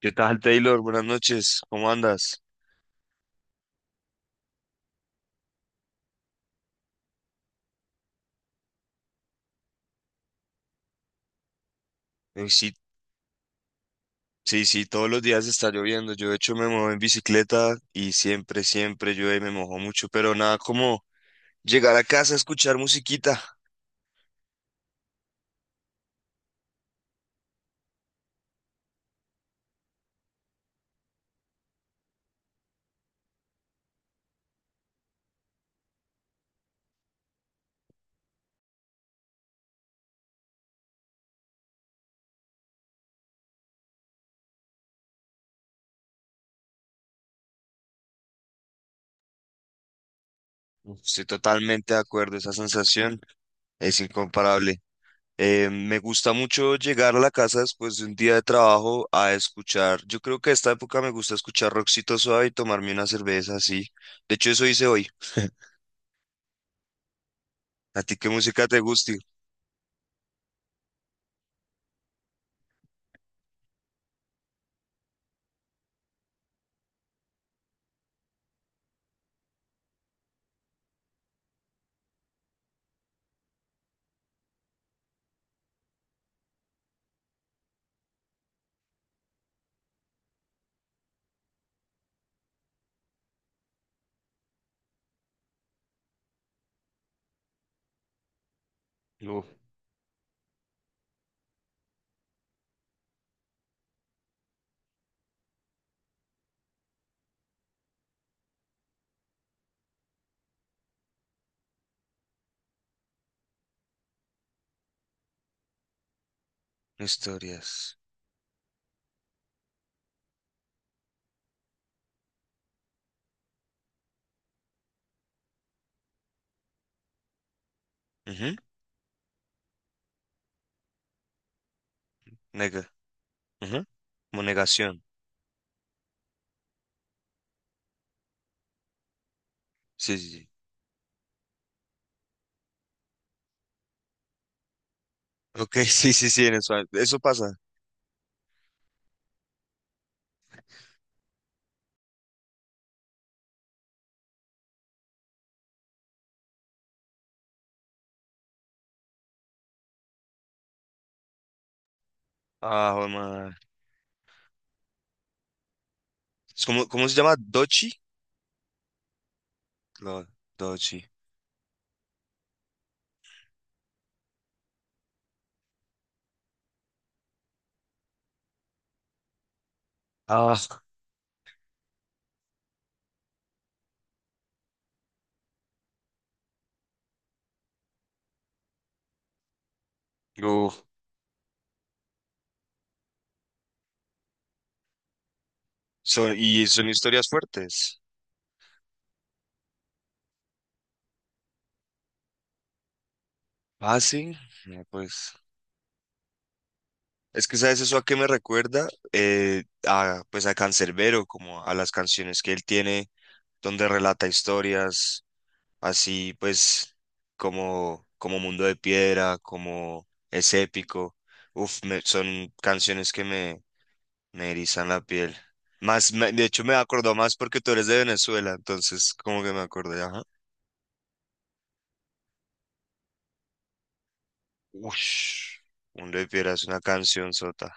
¿Qué tal, Taylor? Buenas noches, ¿cómo andas? Sí, sí, todos los días está lloviendo. Yo, de hecho, me muevo en bicicleta y siempre llueve, y me mojo mucho, pero nada como llegar a casa a escuchar musiquita. Uf, estoy totalmente de acuerdo, esa sensación es incomparable. Me gusta mucho llegar a la casa después de un día de trabajo a escuchar. Yo creo que a esta época me gusta escuchar rockcito suave y tomarme una cerveza así. De hecho, eso hice hoy. ¿A ti qué música te gusta? Uf, historias. Nega. Ujú. Como negación. Sí, sí, sí. Ok, sí, sí, sí, en eso, eso pasa. Ah, joder, madre. Es como... ¿Cómo se llama? ¿Dochi? No, Dochi. Ah, uf. Son, y son historias fuertes. Ah, sí. No, pues. Es que, ¿sabes eso a qué me recuerda? A, pues a Canserbero, como a las canciones que él tiene, donde relata historias, así pues como, como Mundo de Piedra, como Es Épico. Uf, son canciones que me erizan la piel. Más, de hecho me acordó más porque tú eres de Venezuela, entonces como que me acordé, ajá. Ush, Mundo de Piedra es una canción sota.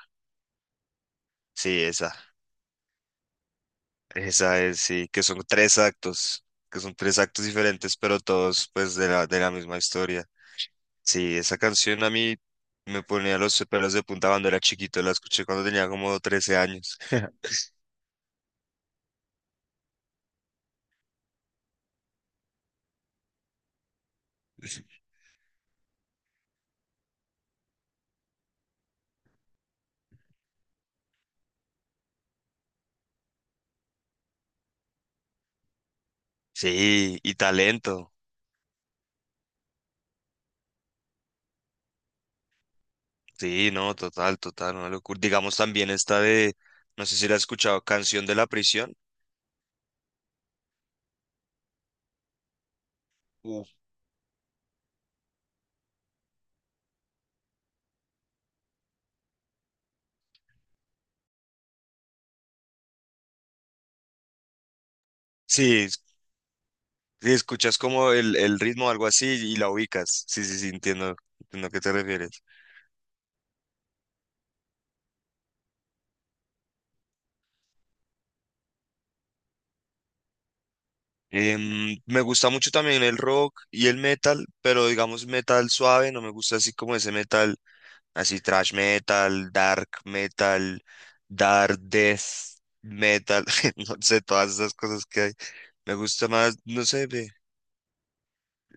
Sí, esa es, sí, que son tres actos, que son tres actos diferentes, pero todos pues de de la misma historia. Sí, esa canción a mí me ponía los pelos de punta cuando era chiquito, la escuché cuando tenía como 13 años. Sí, y talento. Sí, no, total, total, una locura. Digamos también esta de, no sé si la has escuchado, Canción de la Prisión. Uf. Sí, si escuchas como el ritmo o algo así y la ubicas. Sí, sí, sí, entiendo, entiendo a qué te refieres. Me gusta mucho también el rock y el metal, pero digamos metal suave, no me gusta así como ese metal. Así thrash metal, dark death metal, no sé, todas esas cosas que hay. Me gusta más, no sé, ve.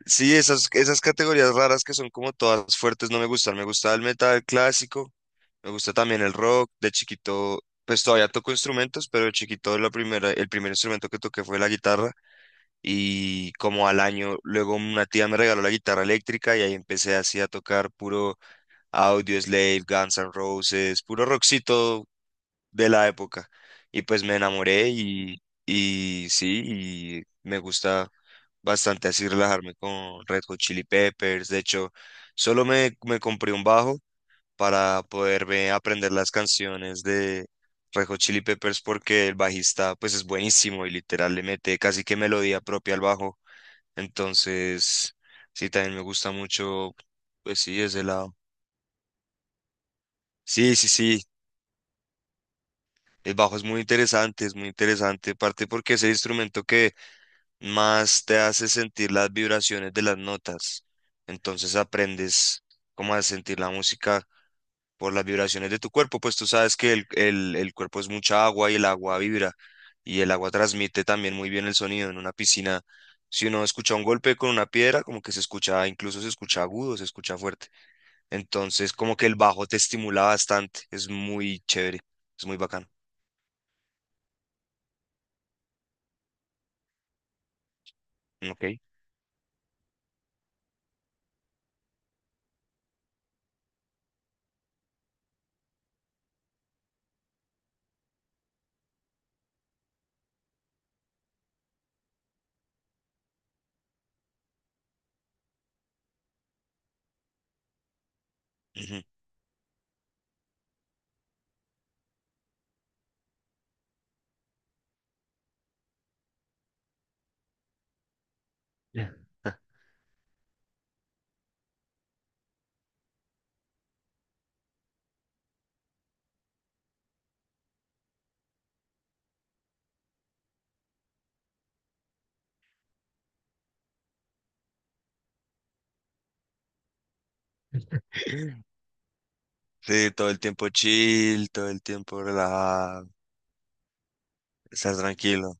Sí, esas categorías raras que son como todas fuertes no me gustan. Me gusta el metal clásico, me gusta también el rock. De chiquito, pues todavía toco instrumentos, pero de chiquito el primer instrumento que toqué fue la guitarra. Y como al año, luego una tía me regaló la guitarra eléctrica y ahí empecé así a tocar puro Audioslave, Guns N' Roses, puro rockcito de la época. Y pues me enamoré y sí, y me gusta bastante así relajarme con Red Hot Chili Peppers. De hecho, solo me compré un bajo para poderme aprender las canciones de Red Hot Chili Peppers porque el bajista pues es buenísimo y literal le mete casi que melodía propia al bajo. Entonces, sí, también me gusta mucho, pues sí, ese lado. Sí, sí, sí. El bajo es muy interesante, parte porque es el instrumento que más te hace sentir las vibraciones de las notas. Entonces aprendes cómo a sentir la música por las vibraciones de tu cuerpo, pues tú sabes que el cuerpo es mucha agua y el agua vibra y el agua transmite también muy bien el sonido en una piscina. Si uno escucha un golpe con una piedra, como que se escucha, incluso se escucha agudo, se escucha fuerte. Entonces, como que el bajo te estimula bastante, es muy chévere, es muy bacano. Ok. Ujú. Sí, todo el tiempo chill, todo el tiempo relajado, estar tranquilo.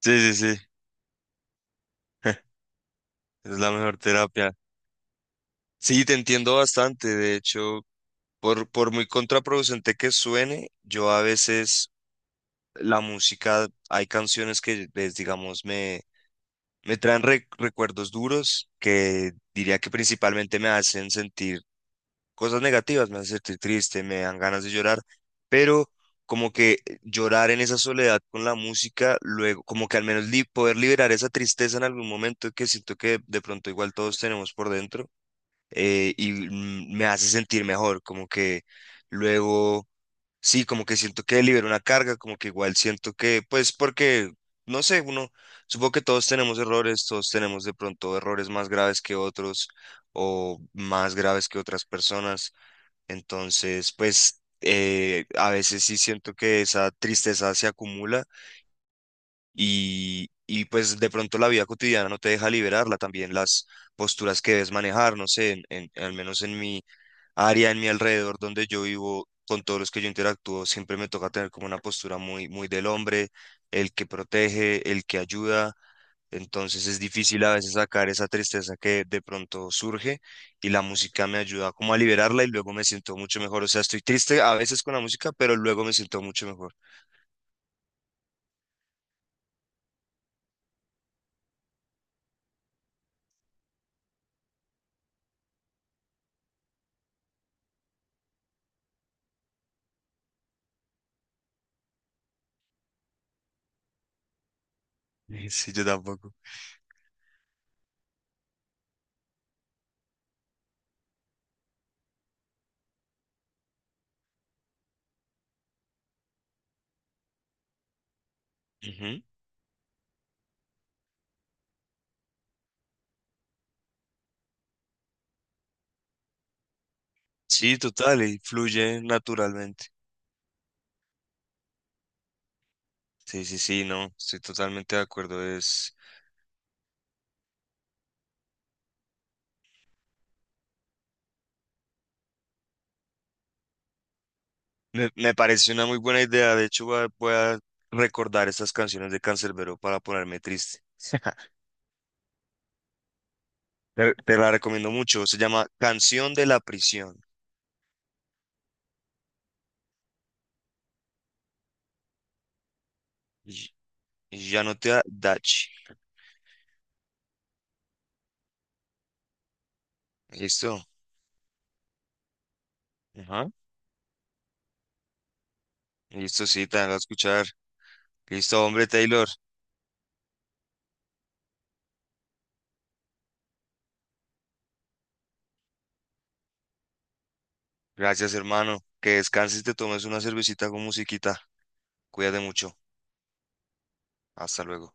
Sí, sí, sí, es la mejor terapia. Sí, te entiendo bastante. De hecho, por muy contraproducente que suene, yo a veces la música, hay canciones que, pues, digamos, me traen recuerdos duros que diría que principalmente me hacen sentir cosas negativas, me hacen sentir triste, me dan ganas de llorar, pero como que llorar en esa soledad con la música, luego, como que al menos poder liberar esa tristeza en algún momento que siento que de pronto igual todos tenemos por dentro, me hace sentir mejor, como que luego, sí, como que siento que libero una carga, como que igual siento que, pues porque, no sé, uno, supongo que todos tenemos errores, todos tenemos de pronto errores más graves que otros o más graves que otras personas, entonces, pues a veces sí siento que esa tristeza se acumula y pues de pronto la vida cotidiana no te deja liberarla, también las posturas que debes manejar, no sé, al menos en mi área, en mi alrededor donde yo vivo, con todos los que yo interactúo, siempre me toca tener como una postura muy del hombre, el que protege, el que ayuda, entonces es difícil a veces sacar esa tristeza que de pronto surge y la música me ayuda como a liberarla y luego me siento mucho mejor. O sea, estoy triste a veces con la música, pero luego me siento mucho mejor. Sí, yo tampoco. Ujú. Sí, total, y fluye naturalmente. Sí, sí, sí, no, estoy totalmente de acuerdo. Es, me parece una muy buena idea. De hecho, voy a recordar estas canciones de Canserbero para ponerme triste. Te la recomiendo mucho. Se llama Canción de la Prisión. Y, y ya no te da Dachi. Listo. Ajá. Listo, sí, te a escuchar. Listo, hombre, Taylor. Gracias, hermano. Que descanses y te tomes una cervecita con musiquita. Cuídate mucho. Hasta luego.